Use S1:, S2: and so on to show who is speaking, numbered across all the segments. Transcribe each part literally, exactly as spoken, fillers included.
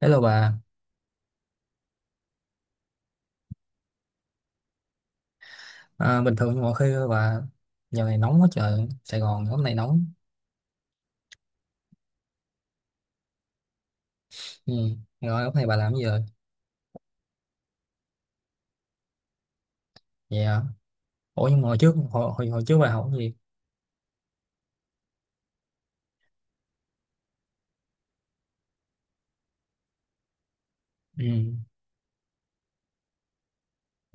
S1: Hello bà. À, bình thường mọi khi bà giờ này nóng quá trời, Sài Gòn hôm nay nóng. Ừ. Rồi hôm nay bà làm gì rồi? Vậy hả? Ủa nhưng mà hồi trước hồi, hồi, hồi trước bà học cái gì? Ừ.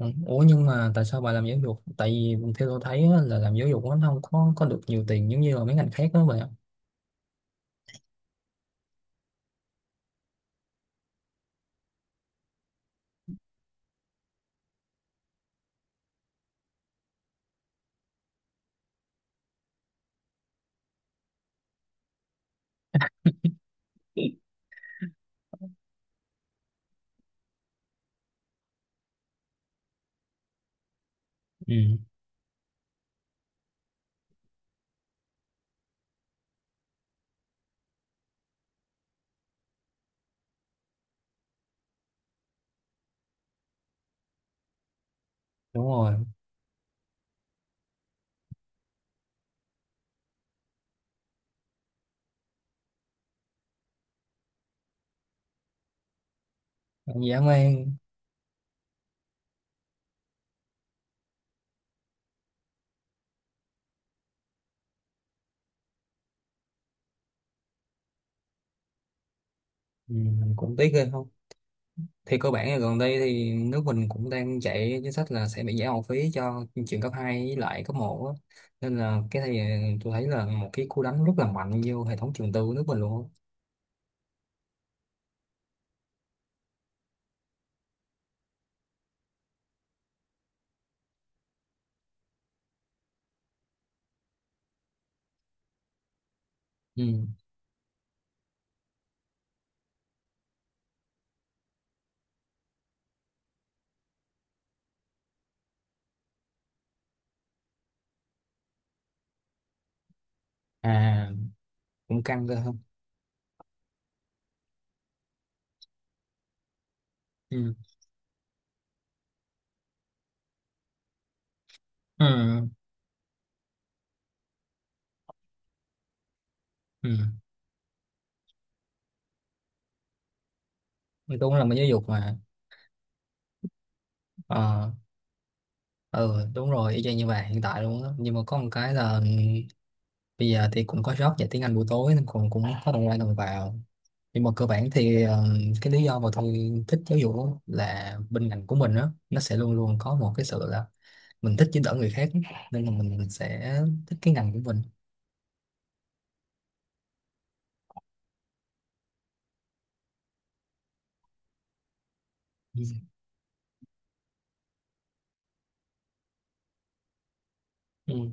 S1: Ừ. Ủa nhưng mà tại sao bà làm giáo dục? Tại vì theo tôi thấy á, là làm giáo dục nó không có có được nhiều tiền giống như là mấy ngành khác đó bà. Ừ. Đúng rồi. Còn dã man. Ừ. Cũng tiếc ghê không? Thì cơ bản là gần đây thì nước mình cũng đang chạy chính sách là sẽ bị giảm học phí cho trường cấp hai với lại cấp một á. Nên là cái này ờ, tôi thấy là một cái cú đánh rất là mạnh vô hệ thống trường tư của nước mình luôn á. Ừ. À, cũng căng cơ không. Ừ. Ừ. Ừ. Tôi cũng là một giáo dục mà. Ờ. Ừ, đúng rồi, y chang như vậy hiện tại luôn á, nhưng mà có một cái là bây giờ thì cũng có job dạy tiếng Anh buổi tối nên cũng cũng có đầu ra đầu vào, nhưng mà cơ bản thì ờ, cái lý do mà tôi thích giáo dục á là bên ngành của mình đó nó sẽ luôn luôn có một cái sự là mình thích giúp đỡ người khác, nên là mình, mình sẽ thích cái ngành của mình. Ừ. Ừ.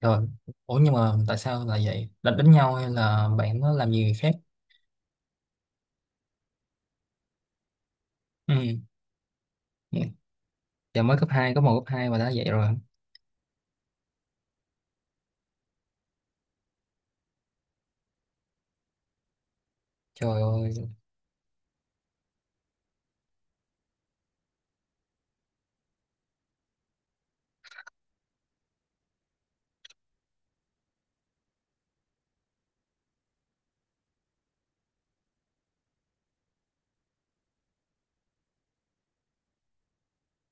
S1: Rồi. Ủa nhưng mà tại sao là vậy, đánh đánh nhau hay là bạn nó làm gì người khác? Ừ. Ừ. Giờ mới cấp hai, có một cấp hai mà đã vậy rồi. Trời ơi.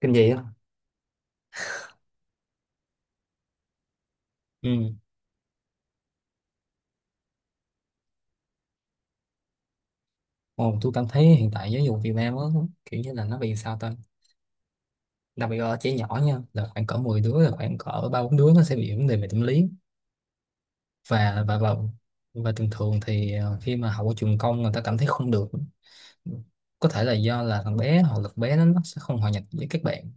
S1: Kinh dị á. Ừ. Ồ, tôi cảm thấy hiện tại giáo dục Việt Nam á kiểu như là nó bị sao ta, đặc biệt ở trẻ nhỏ nha, là khoảng cỡ mười đứa là khoảng cỡ ba bốn đứa nó sẽ bị vấn đề về tâm lý. Và và và và thường thường thì ờ, khi mà học ở trường công người ta cảm thấy không được, có thể là do là thằng bé hoặc lực bé nó, nó sẽ không hòa nhập với các bạn,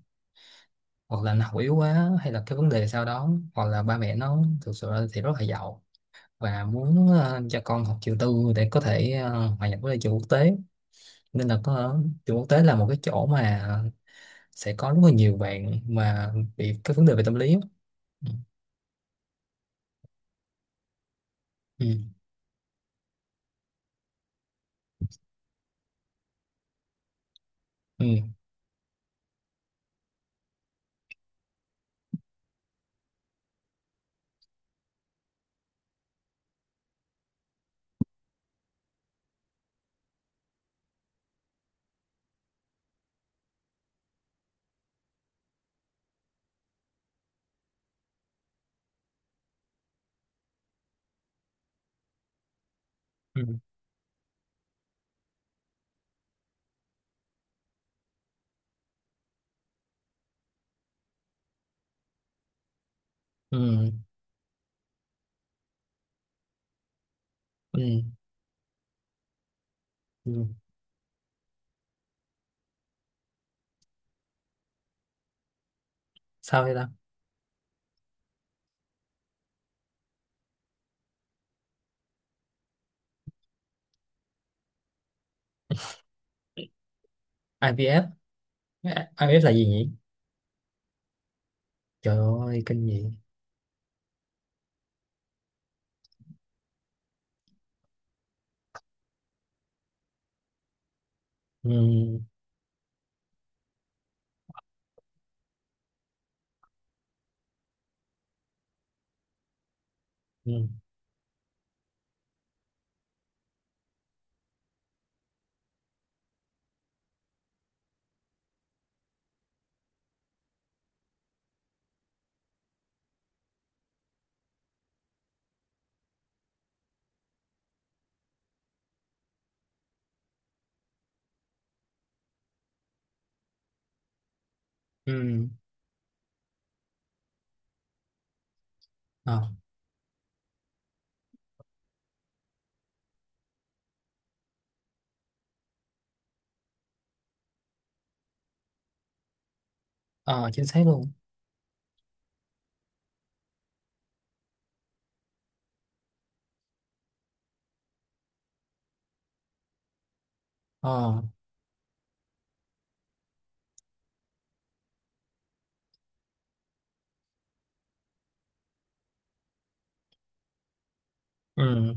S1: hoặc là nó học yếu quá hay là cái vấn đề sau đó, hoặc là ba mẹ nó thực sự thì rất là giàu và muốn ờ, cho con học trường tư để có thể ờ, hòa nhập với trường quốc tế. Nên là có, trường quốc tế là một cái chỗ mà sẽ có rất là nhiều bạn mà bị cái vấn đề về tâm lý á. Ừ. Ừ. Ừ. Ừ. Ừ. Ừ. Ừ. Sao vậy ta? ai vi ép. a i i em ép là gì nhỉ? Trời ơi kinh dị. Ừ. Ừ. Ừ. Ờ. Ờ, chính xác luôn. Ờ. Ừ.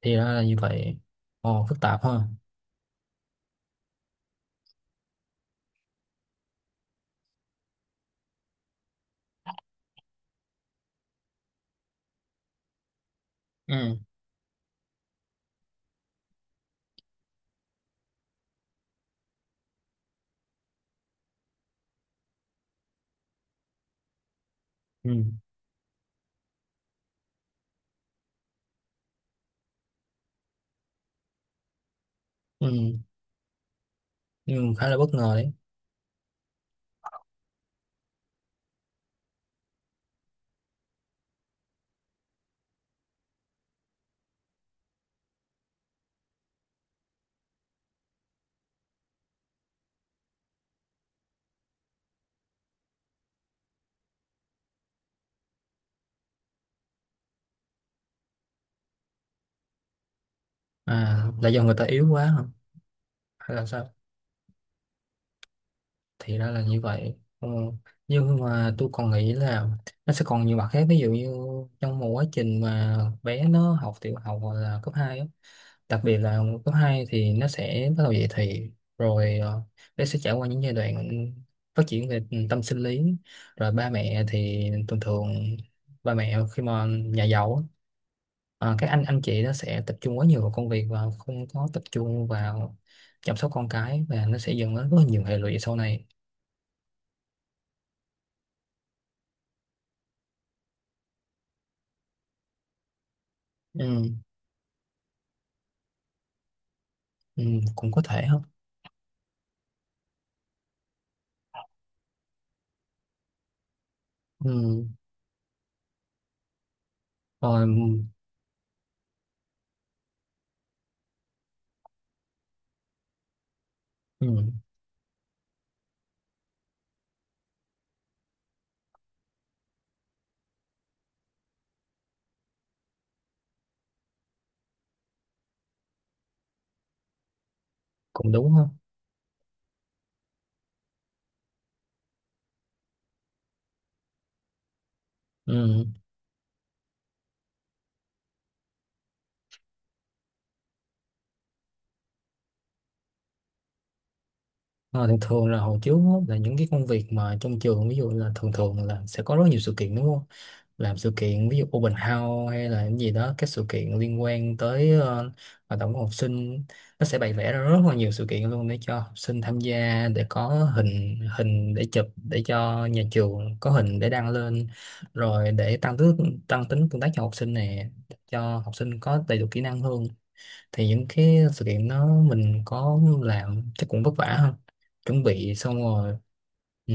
S1: Thì ra là như vậy. Ờ, phức tạp ha. Ừ. Ừ. Ừ. Ừ. Khá là bất ngờ đấy. À là do người ta yếu quá hả hay là sao? Thì ra là như vậy. Ờ. Nhưng mà tôi còn nghĩ là nó sẽ còn nhiều mặt khác, ví dụ như trong một quá trình mà bé nó học tiểu học hoặc là cấp hai á. Đặc biệt là cấp hai thì nó sẽ bắt đầu dậy thì, rồi ờ, bé sẽ trải qua những giai đoạn phát triển về tâm sinh lý, rồi ba mẹ thì thường thường, ba mẹ khi mà nhà giàu á, ờ, các anh anh chị nó sẽ tập trung quá nhiều vào công việc và không có tập trung vào chăm sóc con cái, và nó sẽ dẫn đến rất là nhiều hệ lụy sau này. Ừ. Ừ, cũng có thể không. Ừ. Rồi. Ừ, cũng đúng không. Ừ. Ờ, thường thường là hồi trước á, là những cái công việc mà trong trường, ví dụ là thường thường là sẽ có rất nhiều sự kiện đúng không? Làm sự kiện, ví dụ open house hay là cái gì đó, các sự kiện liên quan tới ờ, hoạt động của học sinh, nó sẽ bày vẽ ra rất là nhiều sự kiện luôn để cho học sinh tham gia, để có hình hình để chụp để cho nhà trường có hình để đăng lên, rồi để tăng tước tăng tính tương tác cho học sinh nè, cho học sinh có đầy đủ kỹ năng hơn. Thì những cái sự kiện đó mình có làm chắc cũng vất vả hơn, chuẩn bị xong rồi. Ừ,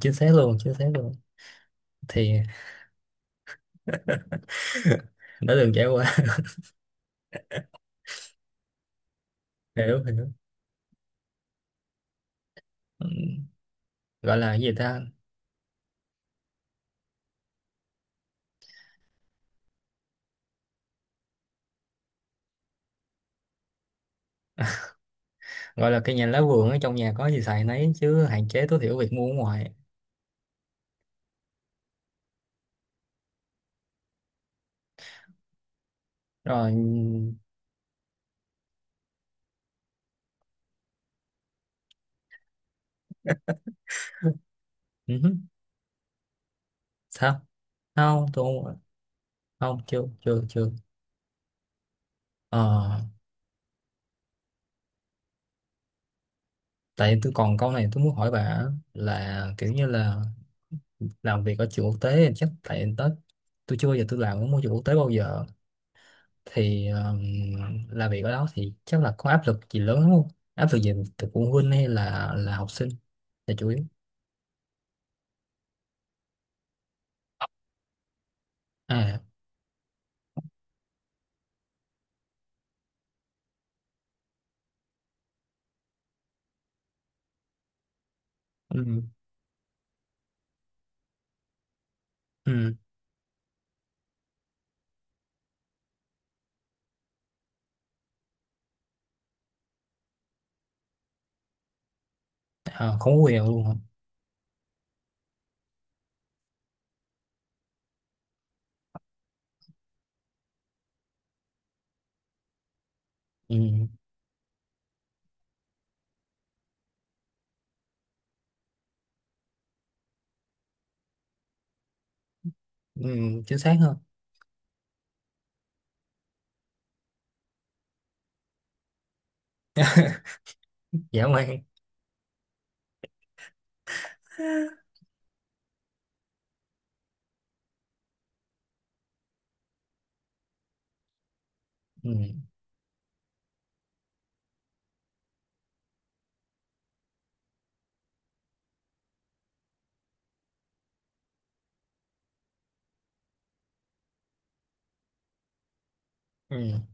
S1: chính xác luôn, chính xác luôn. Thì đã từng trải qua. Hiểu hiểu. Ừ, gọi là cái gì ta, gọi là cây nhà lá vườn, ở trong nhà có gì xài nấy chứ hạn chế tối thiểu việc mua ở ngoài. Rồi. Ừ. Hứ. Sao? Không, tôi không. Không, chưa chưa chưa. Ờ, tại tôi còn câu này tôi muốn hỏi bà, là kiểu như là làm việc ở trường quốc tế chắc tại tới, tôi chưa bao giờ tôi làm ở môi trường quốc tế bao giờ, thì um, làm việc ở đó thì chắc là có áp lực gì lớn lắm không, áp lực gì từ phụ huynh hay là là học sinh là chủ yếu. À. Ừ. Ừ. À, không có quyền luôn hả. Ừ. Ừ, chính xác hơn. Dã man. Ừ. Ừ,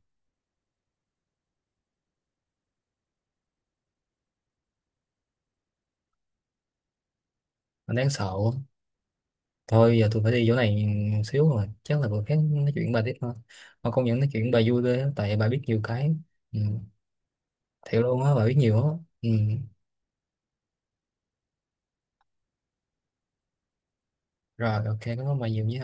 S1: mình đang sợ quá. Thôi giờ tôi phải đi chỗ này xíu rồi, chắc là bữa khác nói chuyện với bà tiếp thôi. Mà công nhận nói chuyện với bà vui ghê á, tại bà biết nhiều cái. Ừ, thiệt luôn á, bà biết nhiều á. Ừ, rồi ok, cảm ơn bà nhiều nhé.